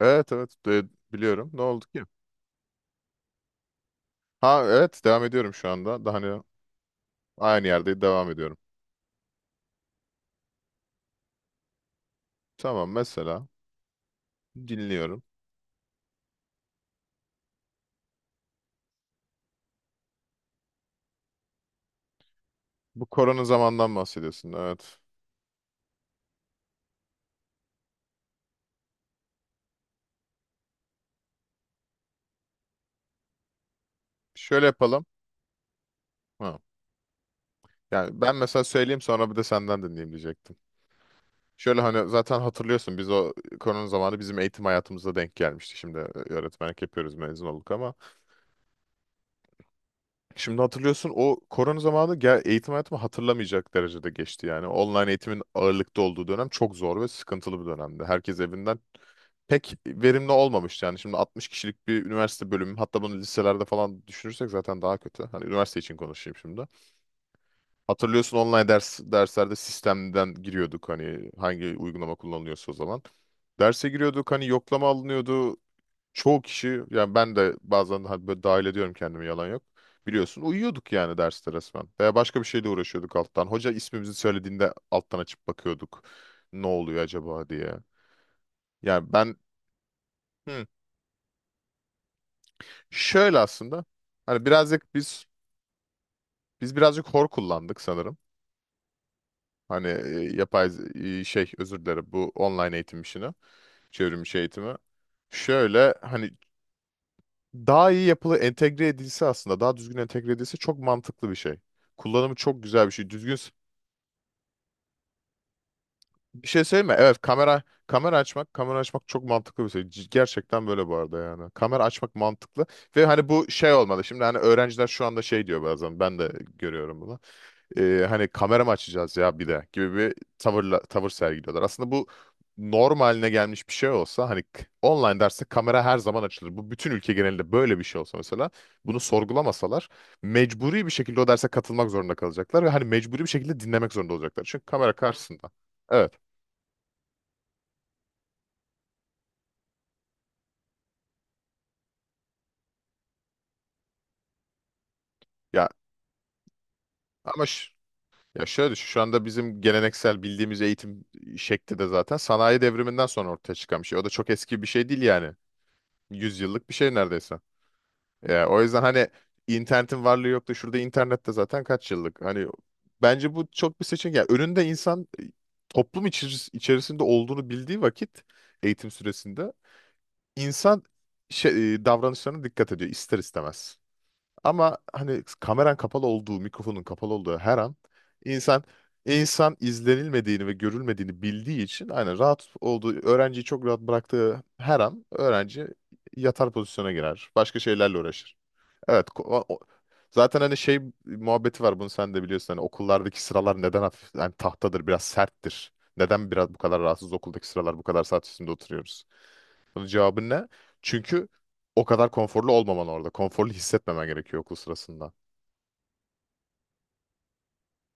Evet, evet, biliyorum. Ne oldu ki? Ha, evet, devam ediyorum şu anda. Daha hani aynı yerde devam ediyorum. Tamam, mesela dinliyorum. Bu korona zamandan bahsediyorsun. Evet. Şöyle yapalım. Ha. Yani ben mesela söyleyeyim, sonra bir de senden dinleyeyim diyecektim. Şöyle hani zaten hatırlıyorsun, biz o korona zamanı bizim eğitim hayatımıza denk gelmişti. Şimdi öğretmenlik yapıyoruz, mezun olduk ama. Şimdi hatırlıyorsun, o korona zamanı gel eğitim hayatımı hatırlamayacak derecede geçti yani. Online eğitimin ağırlıkta olduğu dönem çok zor ve sıkıntılı bir dönemdi. Herkes evinden pek verimli olmamıştı. Yani şimdi 60 kişilik bir üniversite bölümü, hatta bunu liselerde falan düşünürsek zaten daha kötü. Hani üniversite için konuşayım şimdi. Hatırlıyorsun, online derslerde sistemden giriyorduk, hani hangi uygulama kullanılıyorsa o zaman. Derse giriyorduk, hani yoklama alınıyordu. Çoğu kişi, yani ben de bazen hani böyle dahil ediyorum kendimi, yalan yok. Biliyorsun uyuyorduk yani derste resmen. Veya başka bir şeyle uğraşıyorduk alttan. Hoca ismimizi söylediğinde alttan açıp bakıyorduk. Ne oluyor acaba diye. Yani ben. Hmm, Şöyle aslında hani birazcık biz birazcık hor kullandık sanırım. Hani şey, özür dilerim, bu online eğitim işini, çevrim içi eğitimi. Şöyle hani daha iyi yapılı entegre edilse, aslında daha düzgün entegre edilse çok mantıklı bir şey. Kullanımı çok güzel bir şey. Bir şey söyleyeyim mi? Evet, kamera açmak, kamera açmak çok mantıklı bir şey. Gerçekten böyle bu arada yani. Kamera açmak mantıklı ve hani bu şey olmalı. Şimdi hani öğrenciler şu anda şey diyor bazen, ben de görüyorum bunu. Hani kamera mı açacağız ya bir de gibi bir tavırla, tavır sergiliyorlar. Aslında bu normaline gelmiş bir şey olsa, hani online derste kamera her zaman açılır. Bu bütün ülke genelinde böyle bir şey olsa mesela, bunu sorgulamasalar, mecburi bir şekilde o derse katılmak zorunda kalacaklar ve hani mecburi bir şekilde dinlemek zorunda olacaklar. Çünkü kamera karşısında. Evet. Ya ama ş- ya şöyle düşün, şu anda bizim geleneksel bildiğimiz eğitim şekli de zaten sanayi devriminden sonra ortaya çıkan bir şey. O da çok eski bir şey değil yani. 100 yıllık bir şey neredeyse. Ya o yüzden hani, internetin varlığı yok da şurada, internette zaten kaç yıllık. Hani bence bu çok bir seçenek. Yani önünde insan toplum içerisinde olduğunu bildiği vakit, eğitim süresinde insan şey, davranışlarına dikkat ediyor ister istemez. Ama hani kameran kapalı olduğu, mikrofonun kapalı olduğu her an insan insan izlenilmediğini ve görülmediğini bildiği için, aynen rahat olduğu, öğrenciyi çok rahat bıraktığı her an öğrenci yatar pozisyona girer. Başka şeylerle uğraşır. Evet, zaten hani şey muhabbeti var, bunu sen de biliyorsun, hani okullardaki sıralar neden hafif hani tahtadır, biraz serttir. Neden biraz bu kadar rahatsız okuldaki sıralar, bu kadar saat üstünde oturuyoruz? Bunun cevabı ne? Çünkü o kadar konforlu olmaman orada. Konforlu hissetmemen gerekiyor okul sırasında.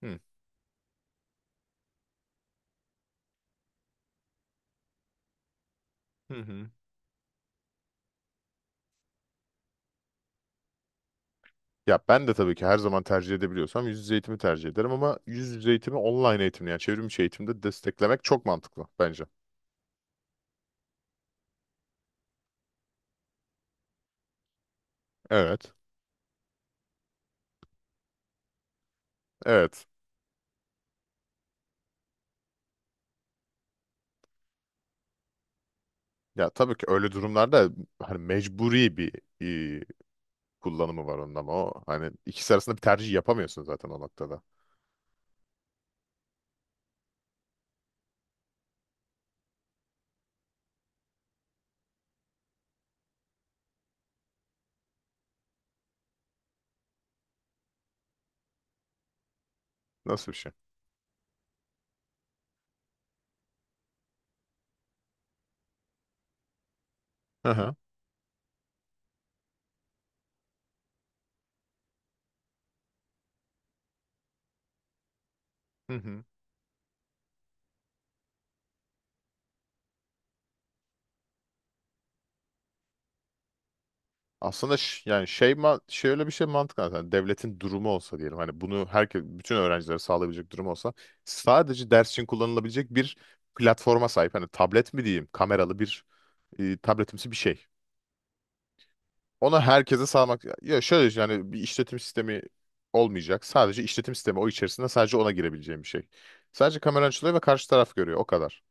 Hı. Hı hı. Ya ben de tabii ki her zaman tercih edebiliyorsam yüz yüze eğitimi tercih ederim, ama yüz yüze eğitimi online eğitimle, yani çevrim içi eğitimde desteklemek çok mantıklı bence. Evet. Evet. Ya tabii ki öyle durumlarda hani mecburi bir e, kullanımı var onun, ama o hani ikisi arasında bir tercih yapamıyorsun zaten o noktada. Nasıl bir şey? Hı hı. Hı hı. Aslında yani şöyle bir şey mantıklı aslında. Devletin durumu olsa diyelim, hani bunu herkes, bütün öğrencilere sağlayabilecek durum olsa, sadece ders için kullanılabilecek bir platforma sahip hani, tablet mi diyeyim, kameralı bir tabletimsi bir şey. Ona herkese sağlamak, ya şöyle düşün, yani bir işletim sistemi olmayacak. Sadece işletim sistemi o, içerisinde sadece ona girebileceğim bir şey. Sadece kamera açılıyor ve karşı taraf görüyor, o kadar.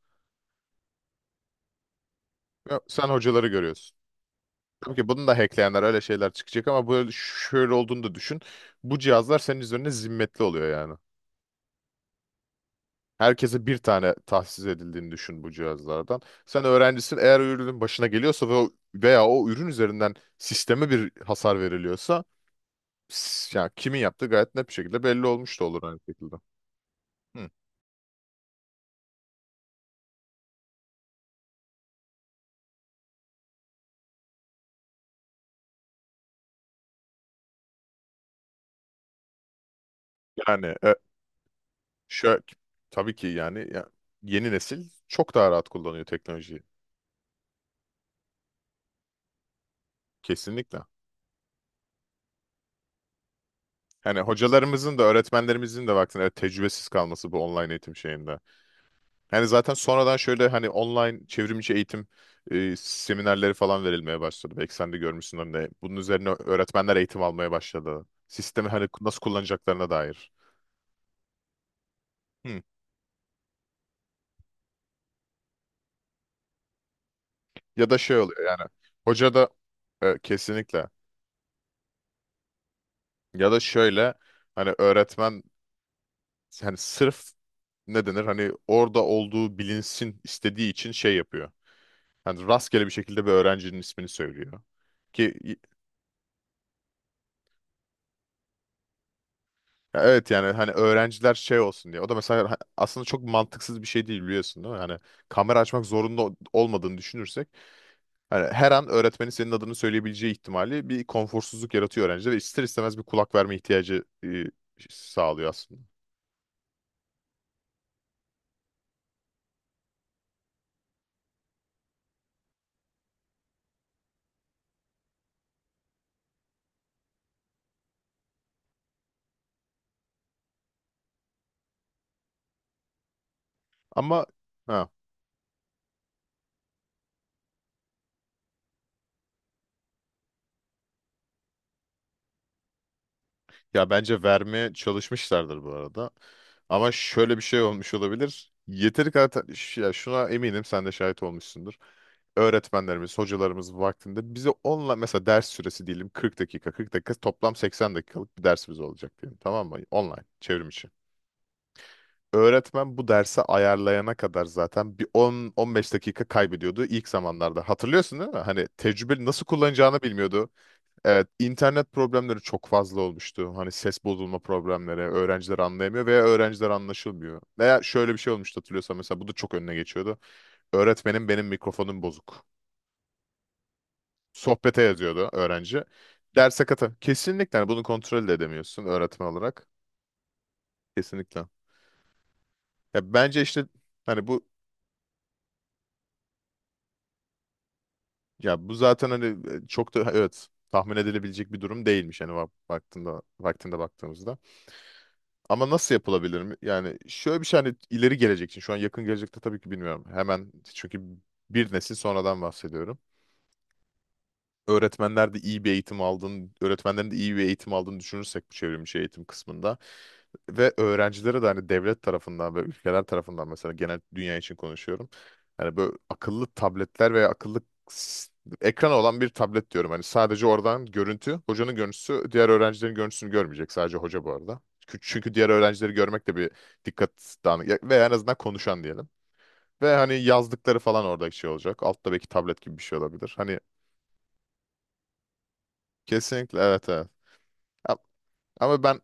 Ya sen hocaları görüyorsun. Tabii ki bunu da hackleyenler, öyle şeyler çıkacak, ama böyle şöyle olduğunu da düşün. Bu cihazlar senin üzerine zimmetli oluyor yani. Herkese bir tane tahsis edildiğini düşün bu cihazlardan. Sen öğrencisin, eğer o ürünün başına geliyorsa ve o, veya o ürün üzerinden sisteme bir hasar veriliyorsa, ya kimin yaptığı gayet net bir şekilde belli olmuş da olur aynı şekilde. Hı. Yani şöyle, tabii ki yani ya, yeni nesil çok daha rahat kullanıyor teknolojiyi. Kesinlikle. Hani hocalarımızın da, öğretmenlerimizin de baktığında, evet, tecrübesiz kalması bu online eğitim şeyinde. Hani zaten sonradan, şöyle hani online çevrimiçi eğitim seminerleri falan verilmeye başladı. Belki sen de görmüşsün de, bunun üzerine öğretmenler eğitim almaya başladı. Sistemi hani nasıl kullanacaklarına dair. Hı. Ya da şey oluyor yani, hoca da kesinlikle, ya da şöyle hani, öğretmen hani sırf, ne denir, hani orada olduğu bilinsin istediği için şey yapıyor. Yani rastgele bir şekilde bir öğrencinin ismini söylüyor. Ki y- evet, yani hani öğrenciler şey olsun diye. O da mesela aslında çok mantıksız bir şey değil, biliyorsun değil mi? Yani kamera açmak zorunda olmadığını düşünürsek, hani her an öğretmenin senin adını söyleyebileceği ihtimali bir konforsuzluk yaratıyor öğrencide ve ister istemez bir kulak verme ihtiyacı sağlıyor aslında. Ama ha, ya bence vermeye çalışmışlardır bu arada. Ama şöyle bir şey olmuş olabilir. Yeteri kadar ya, şuna eminim sen de şahit olmuşsundur. Öğretmenlerimiz, hocalarımız vaktinde bize onunla, mesela ders süresi diyelim 40 dakika, 40 dakika, toplam 80 dakikalık bir dersimiz olacak diyelim, tamam mı? Online, çevrim içi. Öğretmen bu dersi ayarlayana kadar zaten bir 10-15 dakika kaybediyordu ilk zamanlarda. Hatırlıyorsun değil mi? Hani tecrübeli, nasıl kullanacağını bilmiyordu. Evet, internet problemleri çok fazla olmuştu. Hani ses bozulma problemleri, öğrenciler anlayamıyor veya öğrenciler anlaşılmıyor. Veya şöyle bir şey olmuştu hatırlıyorsan, mesela bu da çok önüne geçiyordu. Öğretmenim benim mikrofonum bozuk. Sohbete yazıyordu öğrenci. Derse katı. Kesinlikle, hani bunu kontrol de edemiyorsun öğretmen olarak. Kesinlikle. Ya bence işte hani bu, ya bu zaten hani çok da, evet, tahmin edilebilecek bir durum değilmiş hani, baktığında, vaktinde baktığımızda. Ama nasıl yapılabilir mi? Yani şöyle bir şey, hani ileri gelecek için, şu an yakın gelecekte tabii ki bilmiyorum. Hemen, çünkü bir nesil sonradan bahsediyorum. Öğretmenler de iyi bir eğitim aldığını, öğretmenlerin de iyi bir eğitim aldığını düşünürsek bu çevrimiçi eğitim kısmında, ve öğrencilere de hani devlet tarafından ve ülkeler tarafından, mesela genel dünya için konuşuyorum. Hani böyle akıllı tabletler veya akıllı s- ekranı olan bir tablet diyorum. Hani sadece oradan görüntü, hocanın görüntüsü, diğer öğrencilerin görüntüsünü görmeyecek, sadece hoca bu arada. Çünkü diğer öğrencileri görmek de bir dikkat dağınık, veya en azından konuşan diyelim. Ve hani yazdıkları falan orada şey olacak. Altta belki tablet gibi bir şey olabilir. Hani kesinlikle, evet, evet. A- Ama ben,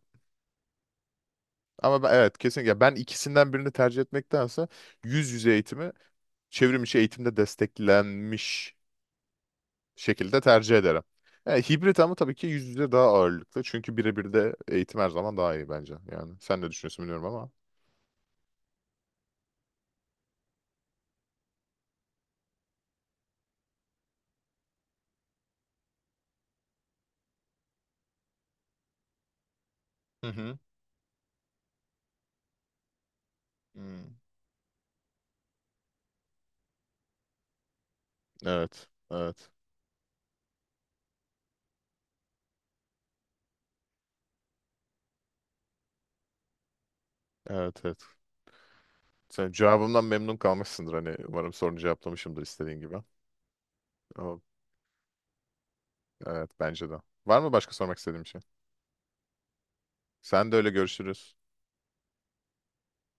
evet kesinlikle, ben ikisinden birini tercih etmektense yüz yüze eğitimi çevrim içi eğitimde desteklenmiş şekilde tercih ederim. Yani hibrit, ama tabii ki yüz yüze daha ağırlıklı. Çünkü birebir de eğitim her zaman daha iyi bence. Yani sen ne düşünüyorsun bilmiyorum ama. Hı hı. Hmm. Evet, evet, evet, evet. Sen cevabımdan memnun kalmışsındır, hani umarım sorunu cevaplamışımdır istediğin gibi. Ama evet, bence de. Var mı başka sormak istediğim şey? Sen de öyle, görüşürüz.